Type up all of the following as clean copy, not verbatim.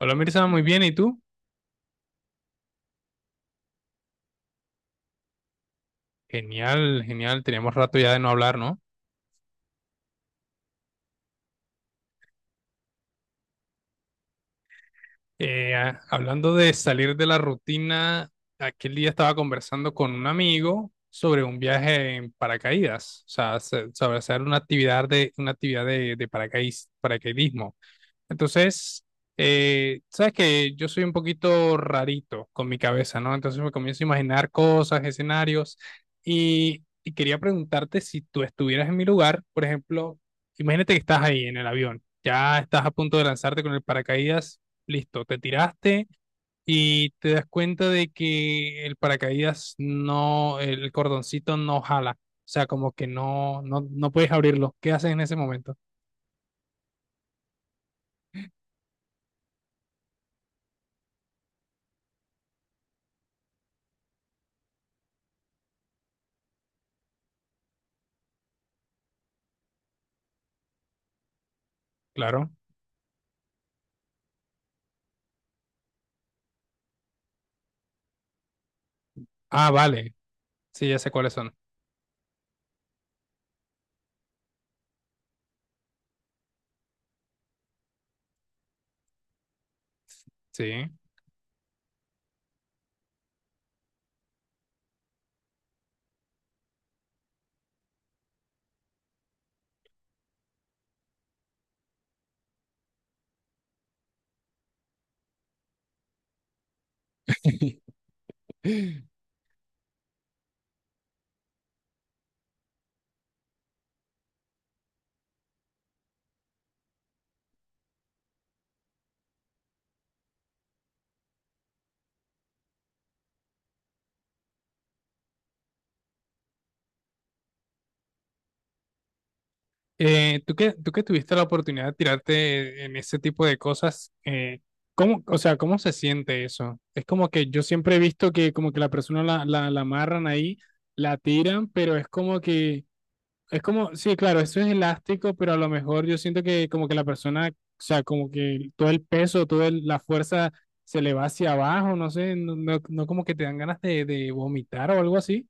Hola Mirza, muy bien, ¿y tú? Genial, genial, teníamos rato ya de no hablar, ¿no? Hablando de salir de la rutina, aquel día estaba conversando con un amigo sobre un viaje en paracaídas, o sea, sobre hacer una actividad de paracaidismo. Entonces, sabes que yo soy un poquito rarito con mi cabeza, ¿no? Entonces me comienzo a imaginar cosas, escenarios, y quería preguntarte si tú estuvieras en mi lugar, por ejemplo, imagínate que estás ahí en el avión, ya estás a punto de lanzarte con el paracaídas, listo, te tiraste y te das cuenta de que el paracaídas no, el cordoncito no jala, o sea, como que no, no, no puedes abrirlo. ¿Qué haces en ese momento? Claro. Ah, vale, sí, ya sé cuáles son. Sí. Tú que tuviste la oportunidad de tirarte en ese tipo de cosas, ¿cómo, o sea, cómo se siente eso? Es como que yo siempre he visto que como que la persona la amarran ahí, la tiran, pero es como que, es como, sí, claro, eso es elástico, pero a lo mejor yo siento que como que la persona, o sea, como que todo el peso, la fuerza se le va hacia abajo, no sé, no, no, no como que te dan ganas de vomitar o algo así.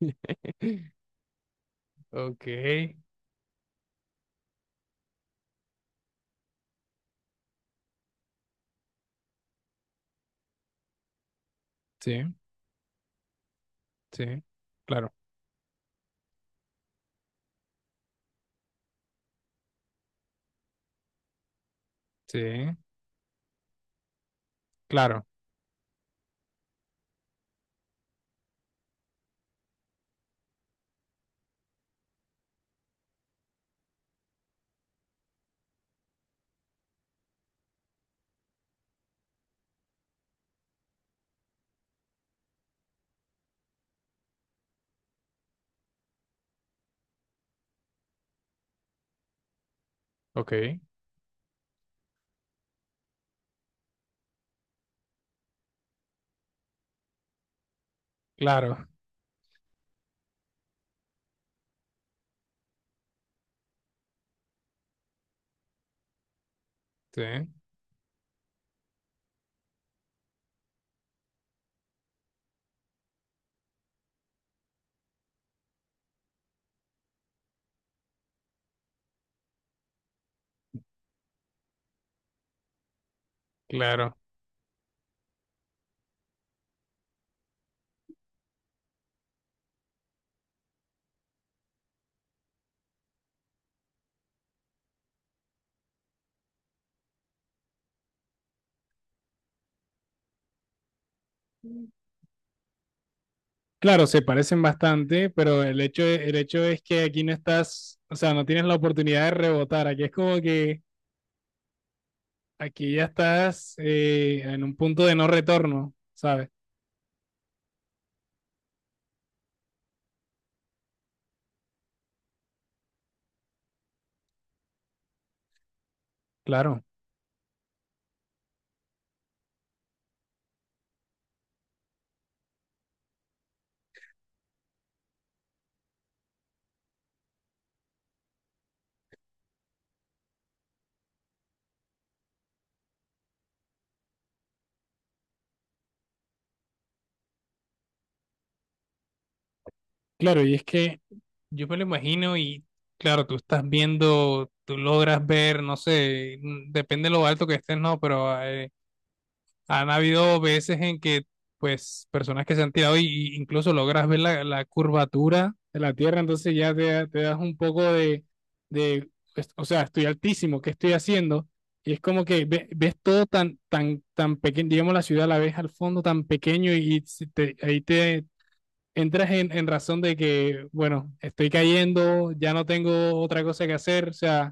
Ok. Sí. Sí, claro, sí, claro, ok, claro, sí, claro. Claro, se parecen bastante, pero el hecho es que aquí no estás, o sea, no tienes la oportunidad de rebotar. Aquí es como que aquí ya estás en un punto de no retorno, ¿sabes? Claro, claro, y es que yo me lo imagino y claro, tú estás viendo, tú logras ver, no sé, mm, depende de lo alto que estés, no, pero han habido veces en que, pues, personas que se han tirado y incluso logras ver la, la curvatura de la Tierra, entonces ya te, te das un poco de, pues, o sea, estoy altísimo, ¿qué estoy haciendo? Y es como que ves todo tan, tan, tan pequeño, digamos, la ciudad la ves al fondo tan pequeño y si ahí te entras en razón de que, bueno, estoy cayendo, ya no tengo otra cosa que hacer, o sea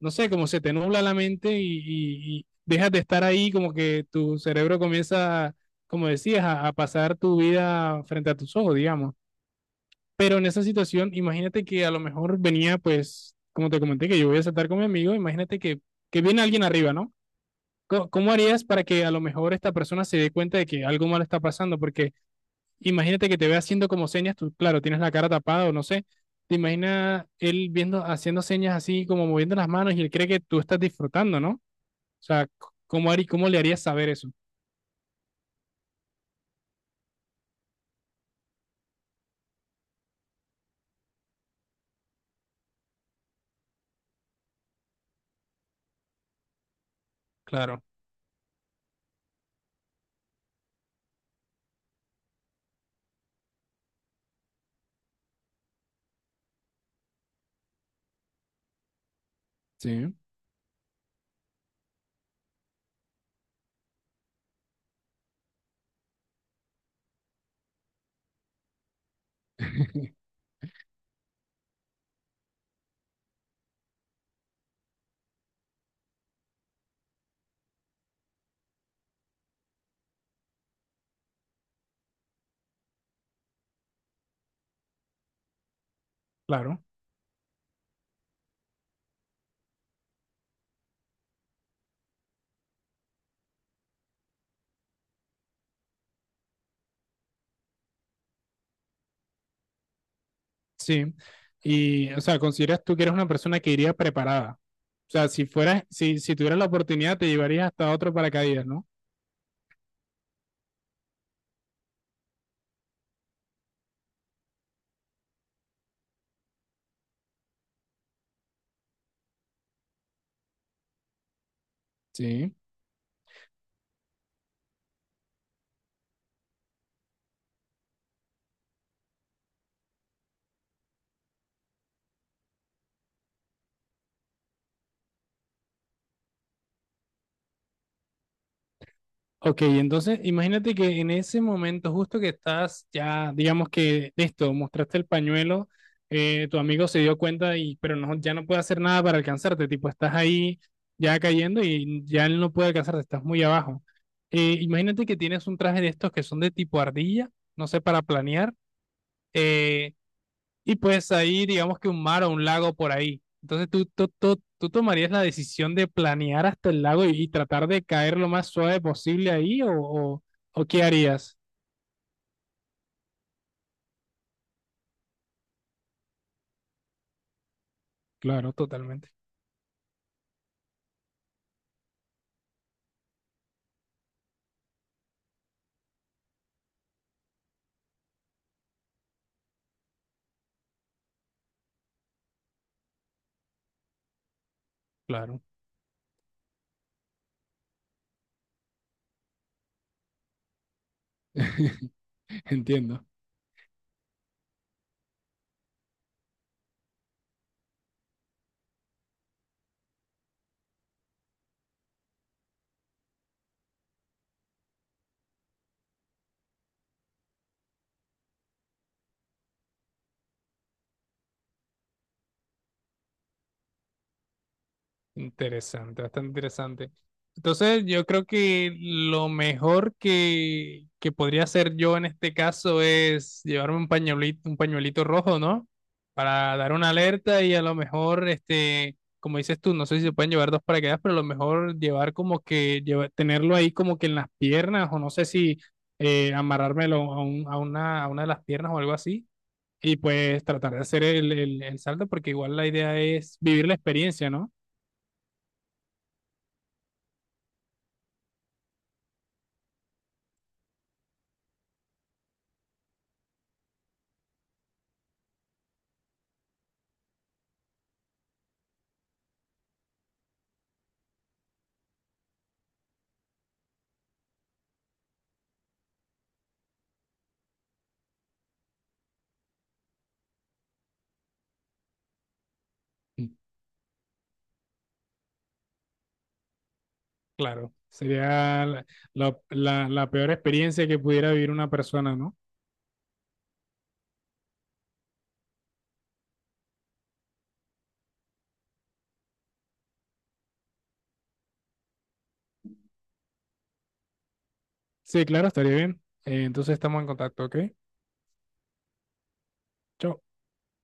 no sé, como se te nubla la mente y dejas de estar ahí, como que tu cerebro comienza, como decías, a pasar tu vida frente a tus ojos, digamos. Pero en esa situación, imagínate que a lo mejor venía, pues, como te comenté, que yo voy a saltar con mi amigo, imagínate que viene alguien arriba, ¿no? ¿Cómo harías para que a lo mejor esta persona se dé cuenta de que algo malo está pasando? Porque imagínate que te ve haciendo como señas, tú, claro, tienes la cara tapada o no sé, te imaginas él viendo, haciendo señas así, como moviendo las manos y él cree que tú estás disfrutando, ¿no? O sea, ¿cómo le harías saber eso? Claro, sí. Claro, sí. Y, o sea, ¿consideras tú que eres una persona que iría preparada? O sea, si fueras, si tuvieras la oportunidad, te llevarías hasta otro paracaídas, ¿no? Sí. Ok, entonces imagínate que en ese momento justo que estás ya, digamos que listo, mostraste el pañuelo, tu amigo se dio cuenta y pero no, ya no puede hacer nada para alcanzarte, tipo estás ahí ya cayendo y ya él no puede alcanzarte, estás muy abajo. Imagínate que tienes un traje de estos que son de tipo ardilla, no sé, para planear. Eh, y pues ahí, digamos que un mar o un lago por ahí. Entonces tú tomarías la decisión de planear hasta el lago y tratar de caer lo más suave posible ahí o qué harías. Claro, totalmente. Claro. Entiendo. Interesante, bastante interesante. Entonces, yo creo que lo mejor que podría hacer yo en este caso es llevarme un pañuelito rojo, ¿no? Para dar una alerta y a lo mejor, este, como dices tú, no sé si se pueden llevar dos paracaídas, pero a lo mejor llevar como que, tenerlo ahí como que en las piernas o no sé si amarrármelo a una de las piernas o algo así y pues tratar de hacer el, el salto porque igual la idea es vivir la experiencia, ¿no? Claro, sería la, la peor experiencia que pudiera vivir una persona, ¿no? Sí, claro, estaría bien. Entonces estamos en contacto, ¿ok? Chao.